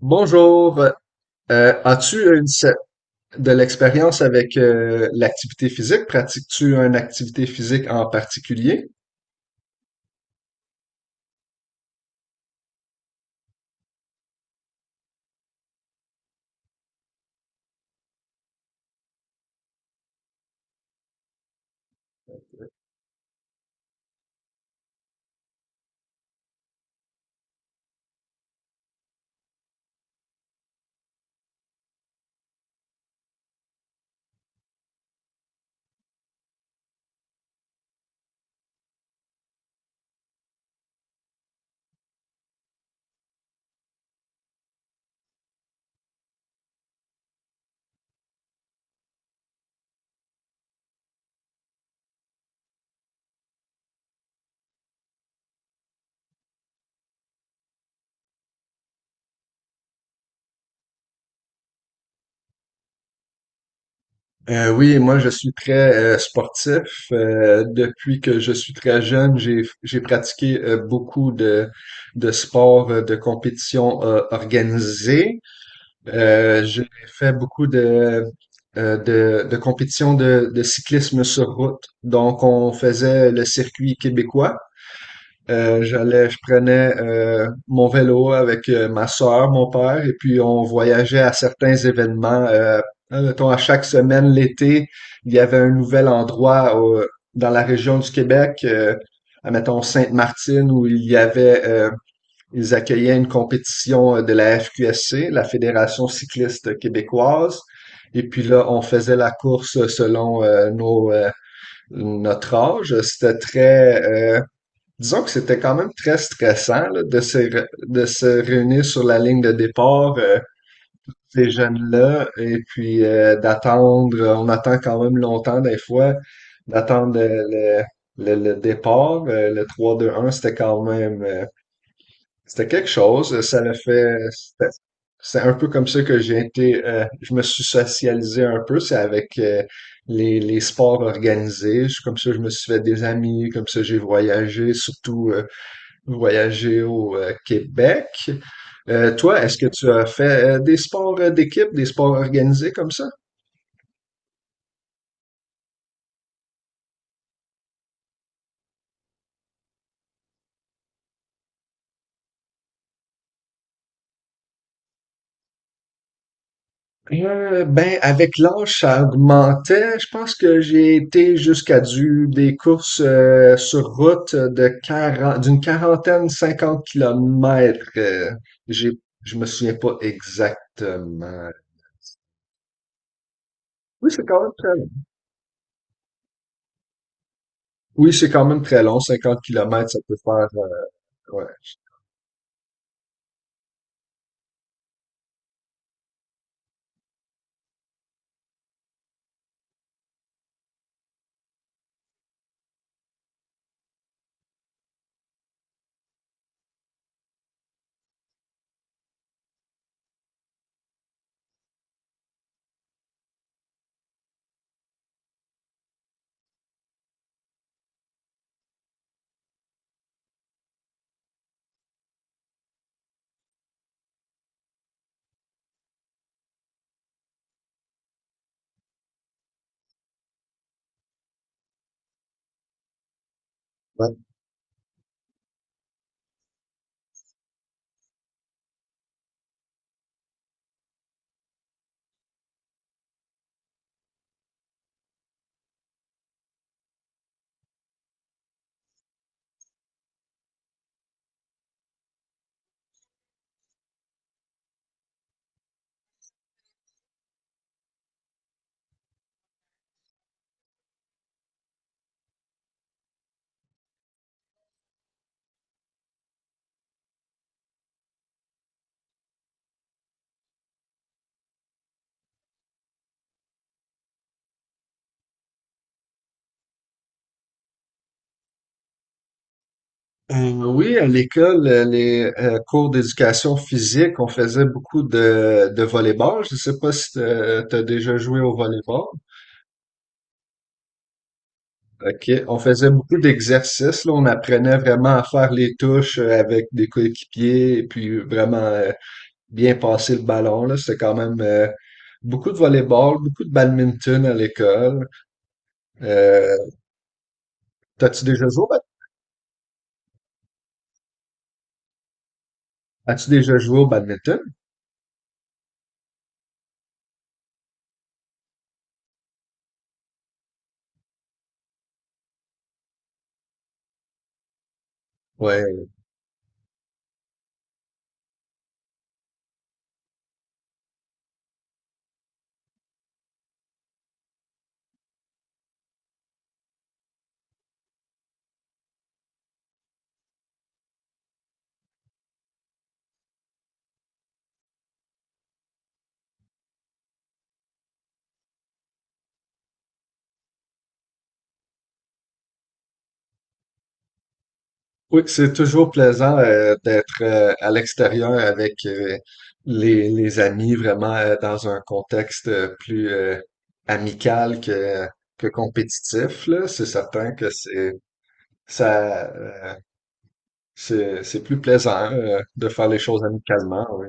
Bonjour. As-tu de l'expérience avec l'activité physique? Pratiques-tu une activité physique en particulier? Oui, moi je suis très sportif. Depuis que je suis très jeune, j'ai pratiqué beaucoup de sports de compétition organisée. J'ai fait beaucoup de de compétitions de cyclisme sur route. Donc on faisait le circuit québécois. J'allais, je prenais mon vélo avec ma sœur, mon père, et puis on voyageait à certains événements. Hein, mettons, à chaque semaine, l'été, il y avait un nouvel endroit dans la région du Québec, à, mettons Sainte-Martine, où il y avait, ils accueillaient une compétition de la FQSC, la Fédération cycliste québécoise. Et puis là, on faisait la course selon nos, notre âge. Disons que c'était quand même très stressant là, de se réunir sur la ligne de départ, ces jeunes-là, et puis d'attendre, on attend quand même longtemps des fois, d'attendre le départ, le trois deux un c'était quand même, c'était quelque chose, ça l'a fait, c'est un peu comme ça que j'ai été, je me suis socialisé un peu, c'est avec les sports organisés. Comme ça je me suis fait des amis, comme ça j'ai voyagé, surtout... voyager au Québec. Toi, est-ce que tu as fait des sports d'équipe, des sports organisés comme ça? Ben, avec l'âge, ça augmentait. Je pense que j'ai été jusqu'à du des courses sur route de 40, d'une quarantaine, 50 kilomètres. J'ai, je me souviens pas exactement. Oui, c'est quand même très Oui, c'est quand même très long, 50 kilomètres, ça peut faire. Ouais. Ouais. Oui, à l'école, les cours d'éducation physique, on faisait beaucoup de volleyball. Je sais pas si tu as déjà joué au volleyball. OK. On faisait beaucoup d'exercices. Là, on apprenait vraiment à faire les touches avec des coéquipiers et puis vraiment bien passer le ballon. Là, c'était quand même beaucoup de volleyball, beaucoup de badminton à l'école. Euh, t'as-tu déjà joué au bad- As-tu déjà joué au badminton? Oui. Oui, c'est toujours plaisant d'être à l'extérieur avec les amis, vraiment dans un contexte plus amical que compétitif, là. C'est certain que c'est ça C'est plus plaisant de faire les choses amicalement, oui.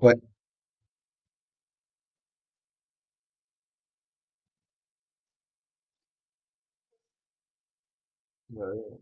Ouais. Euh,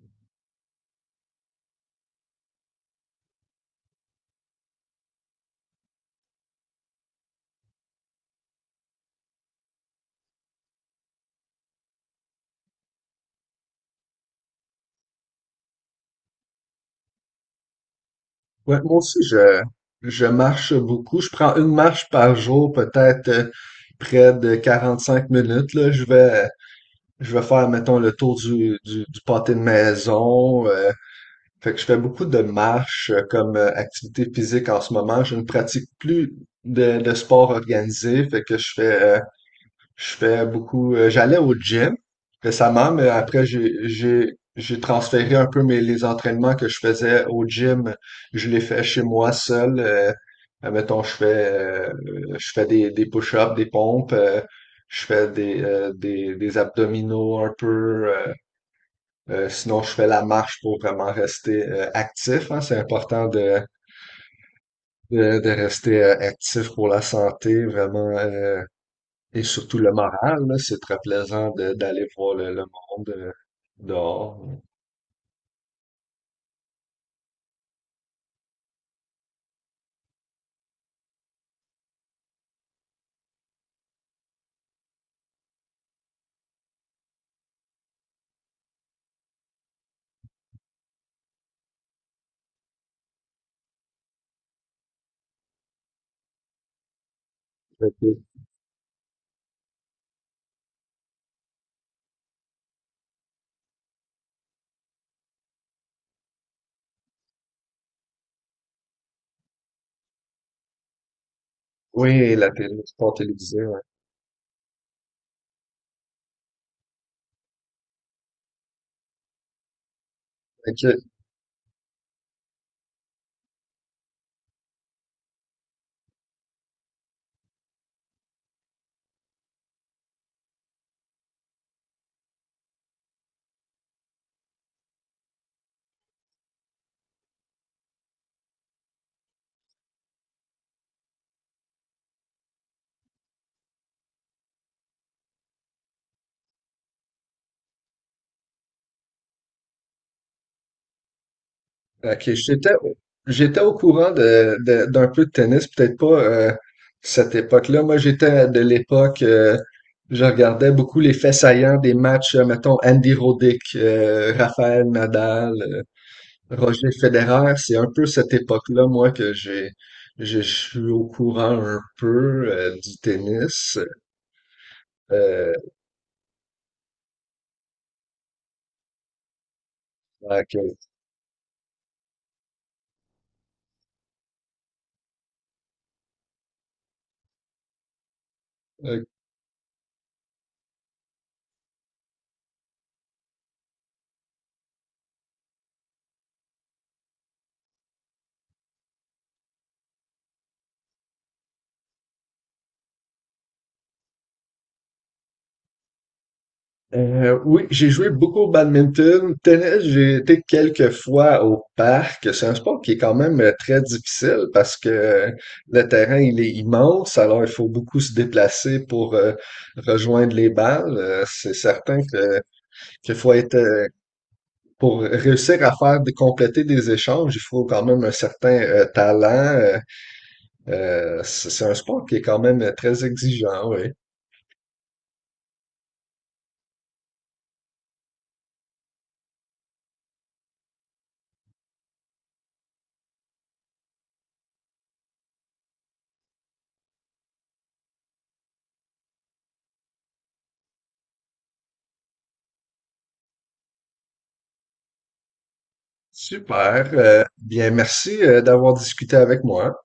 ouais, moi aussi je marche beaucoup. Je prends une marche par jour, peut-être près de 45 minutes, là. Je vais faire, mettons, le tour du pâté de maison. Fait que je fais beaucoup de marches comme activité physique en ce moment. Je ne pratique plus de sport organisé. Fait que je fais beaucoup. J'allais au gym récemment, mais après, j'ai transféré un peu mes, les entraînements que je faisais au gym. Je les fais chez moi seul. Mettons, je fais des push-ups, des pompes. Je fais des abdominaux un peu. Sinon, je fais la marche pour vraiment rester actif. Hein, c'est important de rester actif pour la santé, vraiment. Et surtout le moral, là, c'est très plaisant de- d'aller voir le monde dehors. Ok. Oui, la télé, le sport télévisé. Ouais. Ok, ok, j'étais, au courant d'un peu de tennis, peut-être pas cette époque-là. Moi, j'étais de l'époque, je regardais beaucoup les faits saillants des matchs, mettons, Andy Roddick, Raphaël Nadal. Roger Federer, c'est un peu cette époque-là, moi, que j'ai, je suis au courant un peu du tennis. Euh, donc, euh, oui, j'ai joué beaucoup au badminton. Tennis, j'ai été quelques fois au parc. C'est un sport qui est quand même très difficile parce que le terrain, il est immense, alors il faut beaucoup se déplacer pour rejoindre les balles. C'est certain que qu'il faut être pour réussir à compléter des échanges, il faut quand même un certain talent. C'est un sport qui est quand même très exigeant, oui. Super, bien, merci d'avoir discuté avec moi.